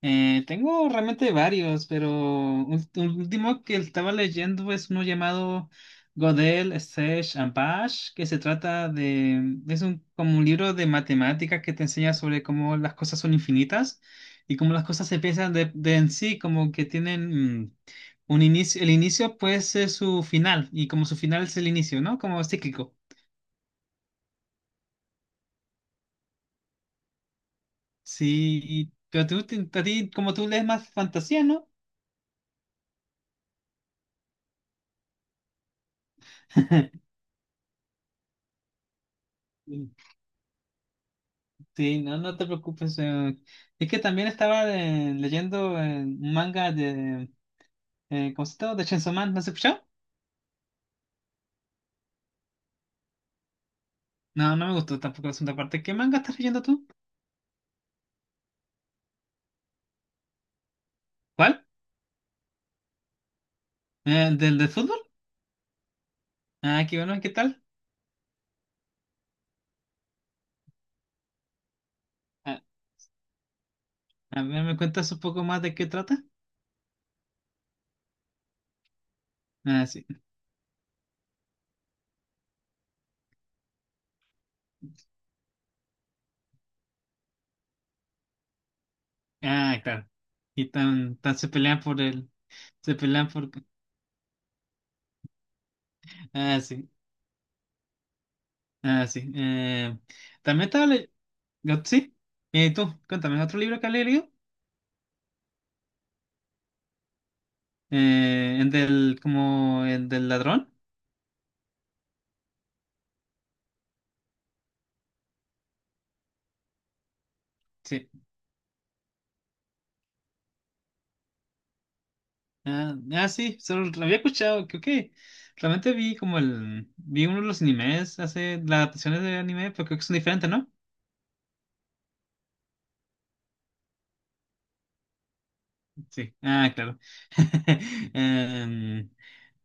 Tengo realmente varios, pero el último que estaba leyendo es uno llamado Godel, Sage and Bash, que se trata es un, como un libro de matemáticas que te enseña sobre cómo las cosas son infinitas y cómo las cosas se piensan de en sí, como que tienen un inicio, el inicio puede ser su final y como su final es el inicio, ¿no? Como cíclico. Sí, pero tú, a ti, como tú lees más fantasía, ¿no? Sí, no, no te preocupes. Es que también estaba leyendo un manga de... ¿Cómo se llama? De Chainsaw Man, ¿no has escuchado? No, no me gustó tampoco la segunda parte. ¿Qué manga estás leyendo tú? ¿Cuál? ¿Del de fútbol? Ah, qué bueno, ¿qué tal? Ah, a ver, ¿me cuentas un poco más de qué trata? Ah, sí. Ah, claro. Y tan se pelean por el... Se pelean por... Ah, sí. Ah, sí. También estaba leyendo... ¿Sí? ¿Y tú? Cuéntame, ¿otro libro que has leído? El del, como, el del ladrón. Sí. Ah, ah, sí, solo lo había escuchado, creo. Ok, realmente vi como el, vi uno de los animes, hace las adaptaciones de anime, pero creo que son diferentes, ¿no? Sí. Ah, claro. Em,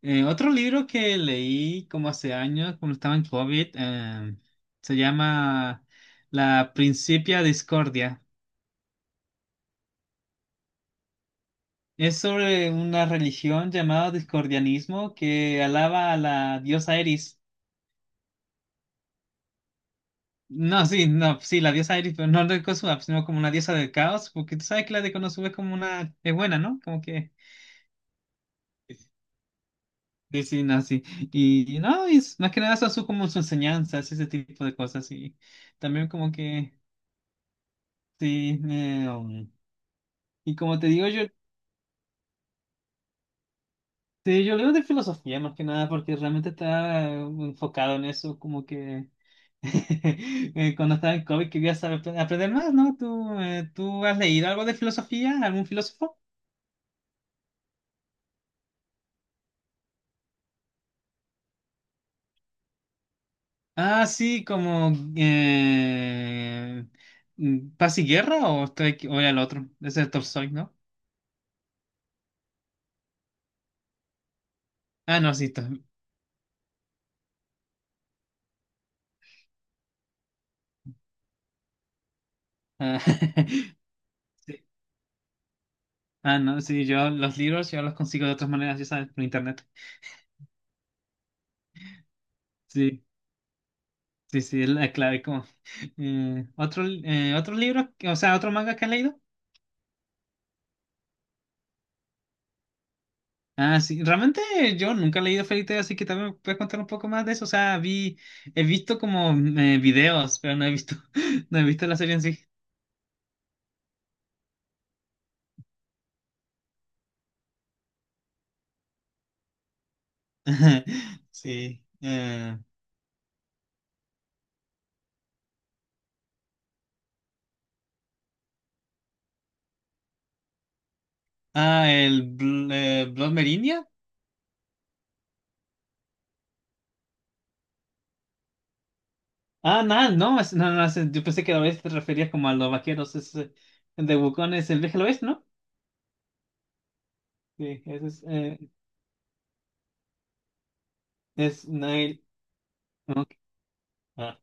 Otro libro que leí como hace años, cuando estaba en COVID, se llama La Principia Discordia. Es sobre una religión llamada discordianismo que alaba a la diosa Eris. No, sí, no, sí, la diosa Iris, pero no de Konosuba, sino como una diosa del caos, porque tú sabes que la de Konosuba es como una, es buena, ¿no? Como que, sí, sí, no, sí. Y no, y es, más que nada son su, como sus enseñanzas, ese tipo de cosas, y también como que, sí, y como te digo, yo, sí, yo leo de filosofía más que nada, porque realmente está enfocado en eso, como que, cuando estaba en COVID quería saber, aprender más, ¿no? ¿Tú, tú has leído algo de filosofía, algún filósofo? Ah, sí, como Paz y Guerra o o era el otro, ese es Tolstoy, ¿no? Ah, no, sí, ah, sí. Ah, no, sí, yo los libros yo los consigo de otras maneras, ya sabes, por internet. Sí, sí, sí, es la clave como otro libro, o sea, otro manga que has leído. Ah, sí, realmente yo nunca he leído Fairy Tail, así que también me puedes contar un poco más de eso. O sea, vi he visto como videos, pero no he visto no he visto la serie en sí. Sí. Ah, el Bl Blood Meridian. Ah, no, no, no, no, yo pensé que a veces te referías como a los vaqueros. Es, de Wukong es el viaje al oeste, ¿no? Sí, ese es Nile. Ok, ah.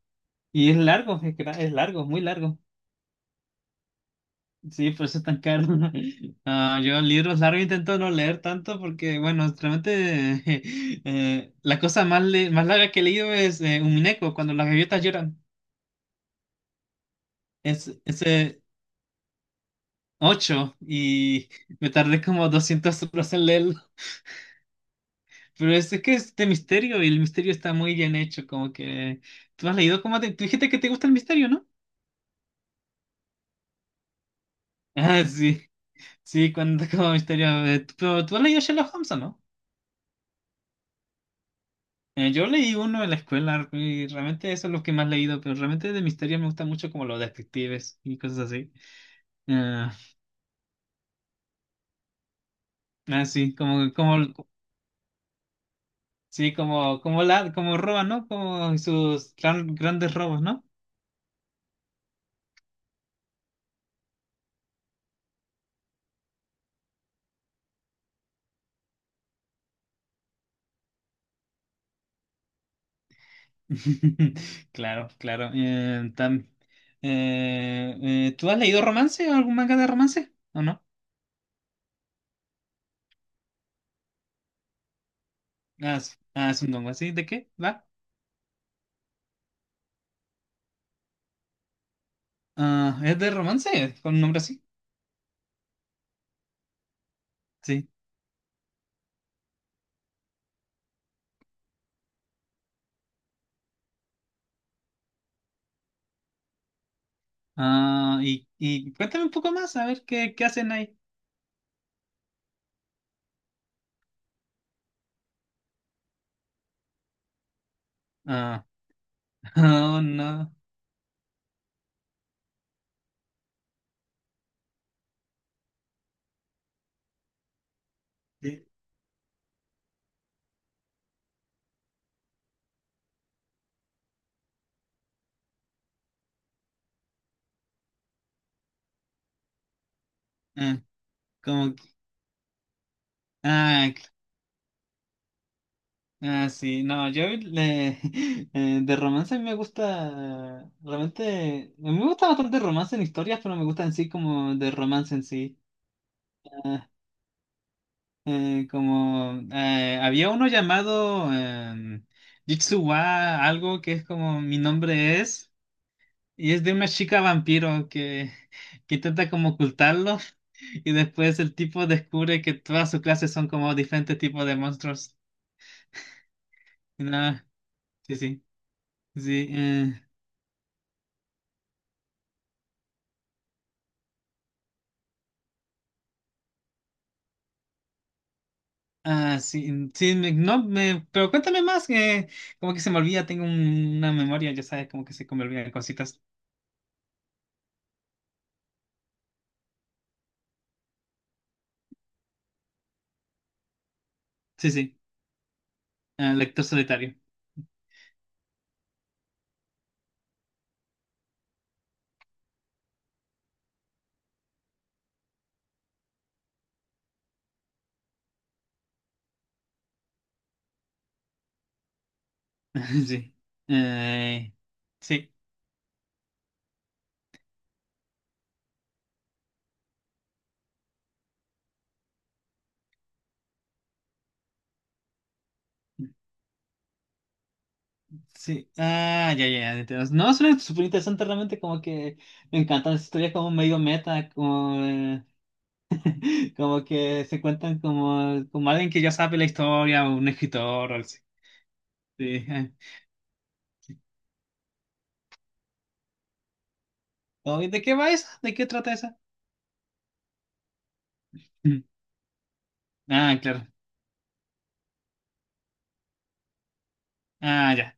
Y es largo, es, es largo, muy largo. Sí, por eso es tan caro. Ah, yo libros largos intento no leer tanto porque, bueno, realmente la cosa más, más larga que he leído es Umineko, cuando las gaviotas lloran. Es, ese 8 y me tardé como 200 horas en leerlo. Pero es que es de misterio y el misterio está muy bien hecho, como que... ¿Tú has leído como te... Tú dijiste que te gusta el misterio, ¿no? Ah, sí, sí, cuando como misterio... Pero tú has leído Sherlock Holmes, ¿o ¿no? Yo leí uno en la escuela y realmente eso es lo que más he leído, pero realmente de misterio me gusta mucho como los detectives y cosas así. Ah, ah, sí, como, como la, como roban, ¿no? Como sus grandes robos, ¿no? Claro, claro. ¿Tú has leído romance o algún manga de romance? ¿O no? Ah, es un dongo así. ¿De qué? ¿Va? Ah, ¿es de romance? ¿Con un nombre así? Sí. Ah, y cuéntame un poco más, a ver qué hacen ahí. Ah, oh, no. Sí. Ah, como que- Ah, ah, sí. No, yo de romance a mí me gusta. Realmente. Me gusta bastante romance en historias, pero me gusta en sí como de romance en sí. Ah, como había uno llamado Jitsuwa, algo que es como mi nombre es, y es de una chica vampiro que intenta como ocultarlo, y después el tipo descubre que todas sus clases son como diferentes tipos de monstruos. Y nada, sí, sí, sí. Ah, sí, sí, no, me, pero cuéntame más, que como que se me olvida, tengo una memoria, ya sabes, como que se me olvidan cositas. Sí, sí, lector solitario. Sí. Eh, sí. Sí. Ah, ya, ya, ya, entiendo. No, suena súper interesante realmente, como que me encantan las historias como medio meta, como, como que se cuentan como, como alguien que ya sabe la historia, o un escritor, o algo así. Sí. ah. Oh, ¿y ¿De qué va esa? ¿De qué trata esa? Mm. Ah, claro. Ah, ya.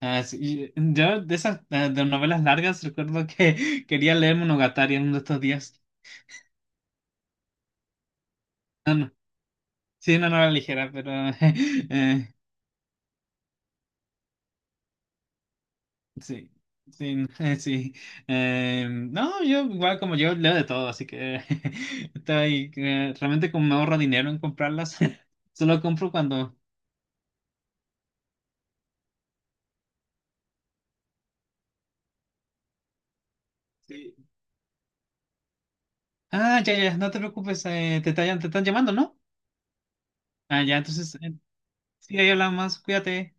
Ah, sí. Yo de esas de novelas largas recuerdo que quería leer Monogatari en uno de estos días. No, no. Sí, una novela ligera, pero eh, sí, sí, sí. No, yo igual como yo leo de todo, así que estoy realmente como me ahorro dinero en comprarlas, solo compro cuando. Sí. Ah, ya, ya, no te preocupes, te están llamando, ¿no? Ah, ya, entonces, sí, ahí hablamos, cuídate.